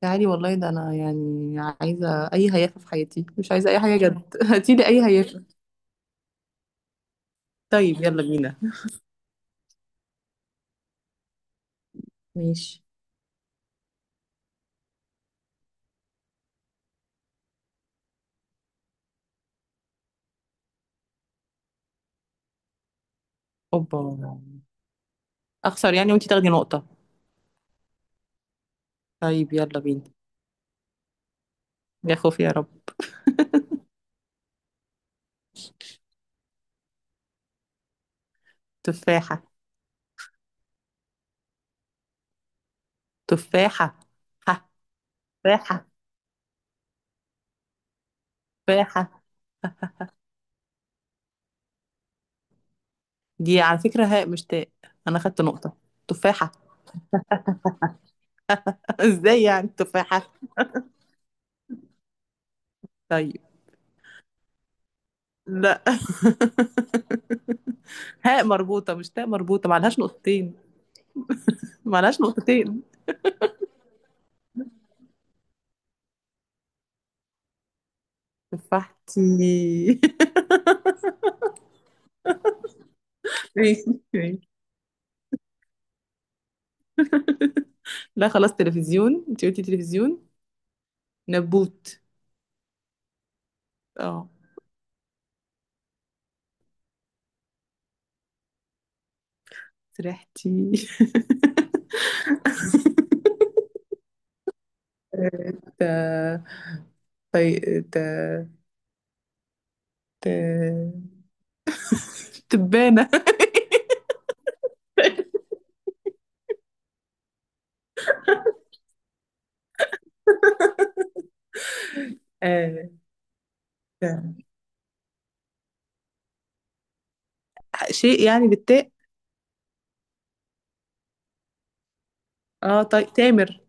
تعالي والله، ده انا عايزه اي هيافه في حياتي، مش عايزه اي حاجه جد. هاتيلي اي هيافه. طيب يلا بينا. ماشي. اوبا. اخسر يعني وانتي تاخدي نقطه؟ طيب يلا بينا. يا خوفي يا رب. تفاحه. تفاحه. ح. تفاحه. تفاحه. دي على فكره هاء مش تاء. انا خدت نقطه. تفاحه. ازاي يعني تفاحه؟ طيب. لا. هاء مربوطه مش تاء مربوطه، معلهاش نقطتين. معلهاش نقطتين. تفاحتي. ماشي. ماشي. لا خلاص تلفزيون، انت قلتي تلفزيون. نبوت. اه. سرحتي. ت... طي... ت... ت... تبانة. آه، ت- شيء يعني بالتاء. تامر.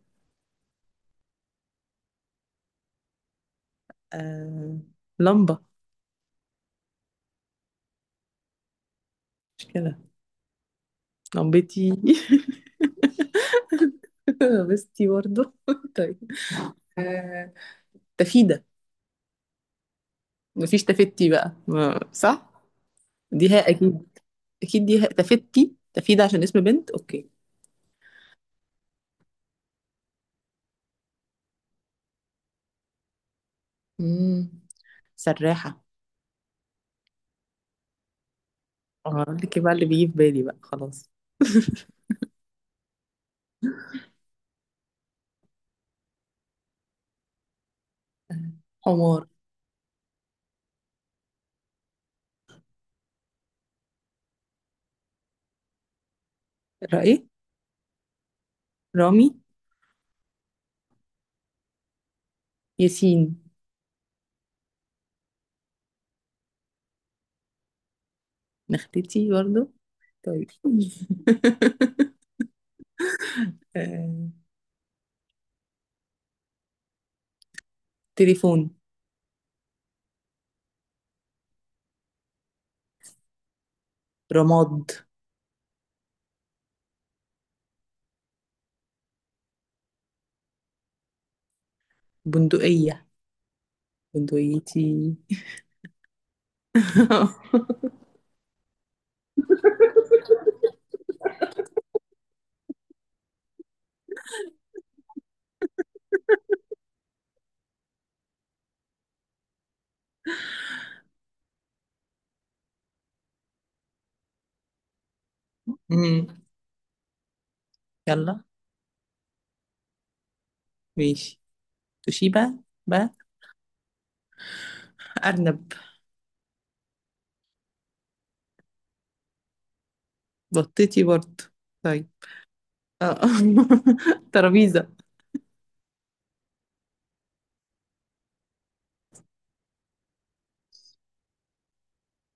آه... لمبة. مش كده. لمبتي. لبستي برضه. طيب. آه... تفيدة. مفيش تفتي بقى صح. ديها اكيد. اكيد ديها تفتي تفيدة عشان اسم بنت. اوكي. امم. سراحة. اقول لك بقى اللي بيجي في بالي بقى خلاص. حمار. رأي. رامي. ياسين. نختتي برضه. طيب. آه، تليفون. رماد. بندقية. بندقيتي. مم. يلا. ماشي. توشيبا بقى. أرنب. بطتي برضه. طيب. آه. ترابيزة.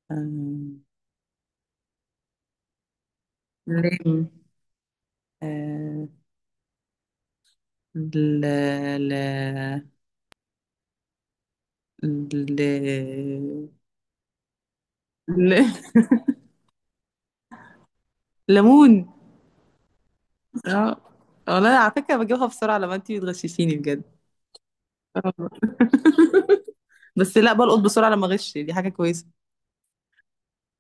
آه، ل. آه، ل ل ل ل. ليمون. اه، والله على فكرة بجيبها بسرعة لما انتي بتغششيني بجد. آه. بس لا، بلقط بسرعة لما اغش، دي حاجة كويسة.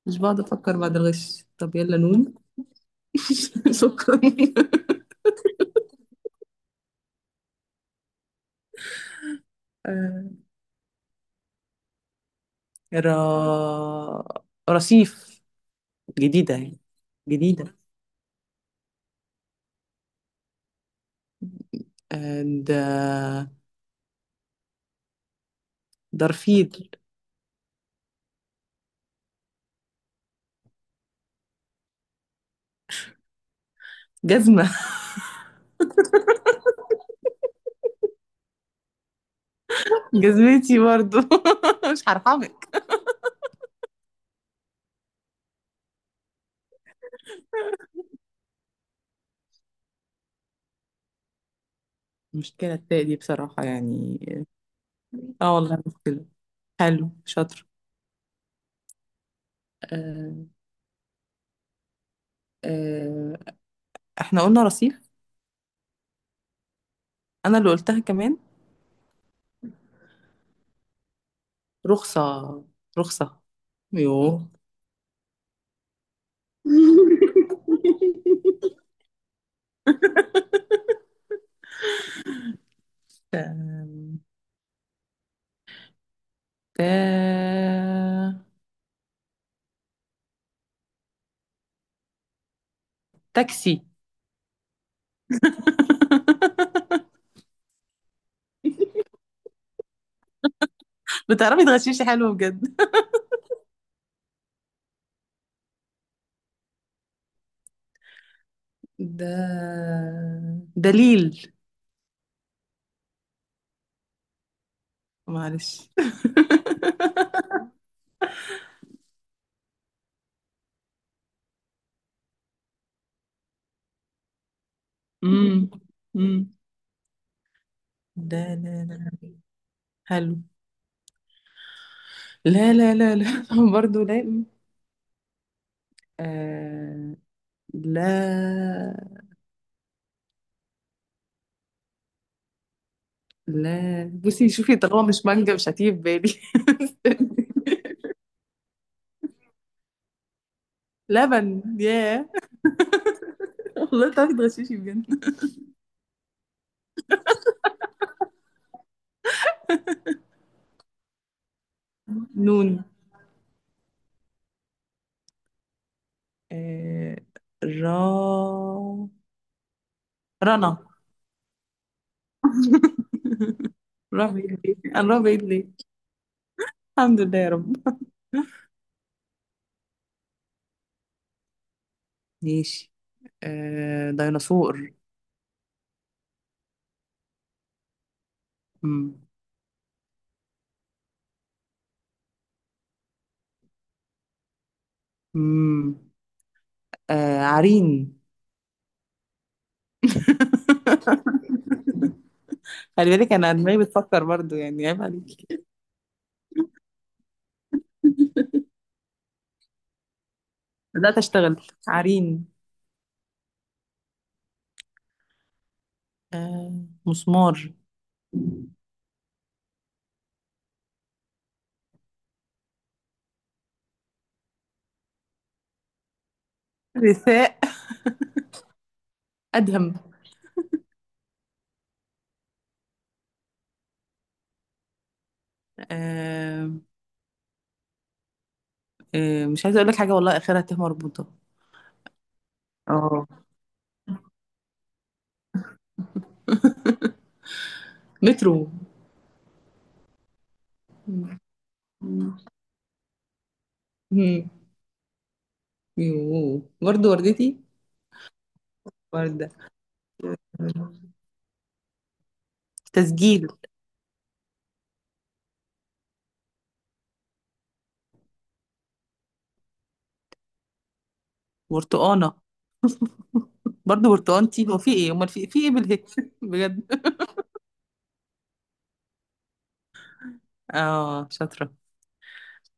مش بقعد افكر بعد الغش. طب يلا نون. شكرا. آه، را رصيف. جديدة يعني. جديدة. آه، د... درفيل. جزمة. جزمتي برضو. مش هرحمك. المشكلة التاء دي بصراحة يعني. اه والله مشكلة. حلو شاطر. آه. آه. احنا قلنا رصيف. انا اللي قلتها كمان. رخصة. رخصة. يوه. آم، تا... تاكسي. بتعرفي تغششي حلو بجد. ده. دليل. معلش. امم امم. لا لا لا. حلو. لا لا لا لا. برضه لا. آه. لا. لا، بصي شوفي، طالما مش مانجا مش هتيجي في بالي. لبن. ياه. والله تعرفي تغششي بجد. نون. آه را رنا. را بعيد ليه؟ انا را بعيد ليه؟ الحمد لله يا رب. ماشي. آه ديناصور. مم. مم. آه عرين. خلي بالك، انا دماغي بتفكر برضو، يعني عيب عليكي. بدأت اشتغل. عرين. آه مسمار. رثاء. ادهم. آه. آه، مش عايزه اقول لك حاجه والله اخرها ت مربوطه. اه. مترو. مم. يوه. برضو وردتي. ورده. تسجيل. برتقانه. برضو برتقانتي. هو في ايه امال، في في ايه بالهي؟ بجد. اه شاطره.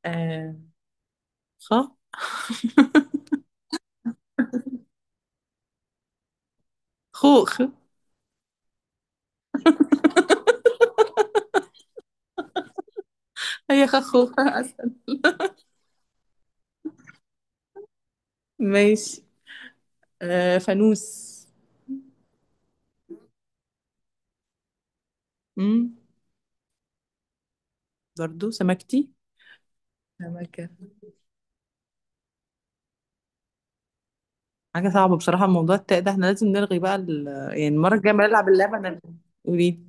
آه. خ. خوخ. هي خ خوخ. ماشي. آه فانوس. امم. برضو سمكتي. سمكة. حاجة صعبة بصراحة موضوع التاء ده، احنا لازم نلغي بقى ال... يعني المرة الجاية ما نلعب اللعبة انا. قولي.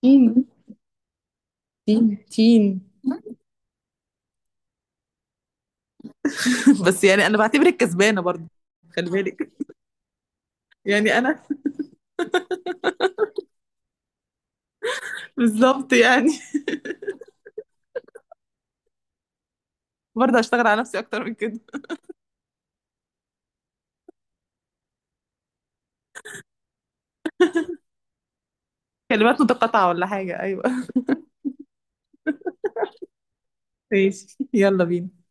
تين. تين تين. بس يعني انا بعتبرك كسبانة برضو. خلي بالك. يعني انا. بالظبط يعني. برضه هشتغل على نفسي اكتر من كده. كلمات متقاطعة ولا حاجة؟ ايوه. ماشي يلا بينا.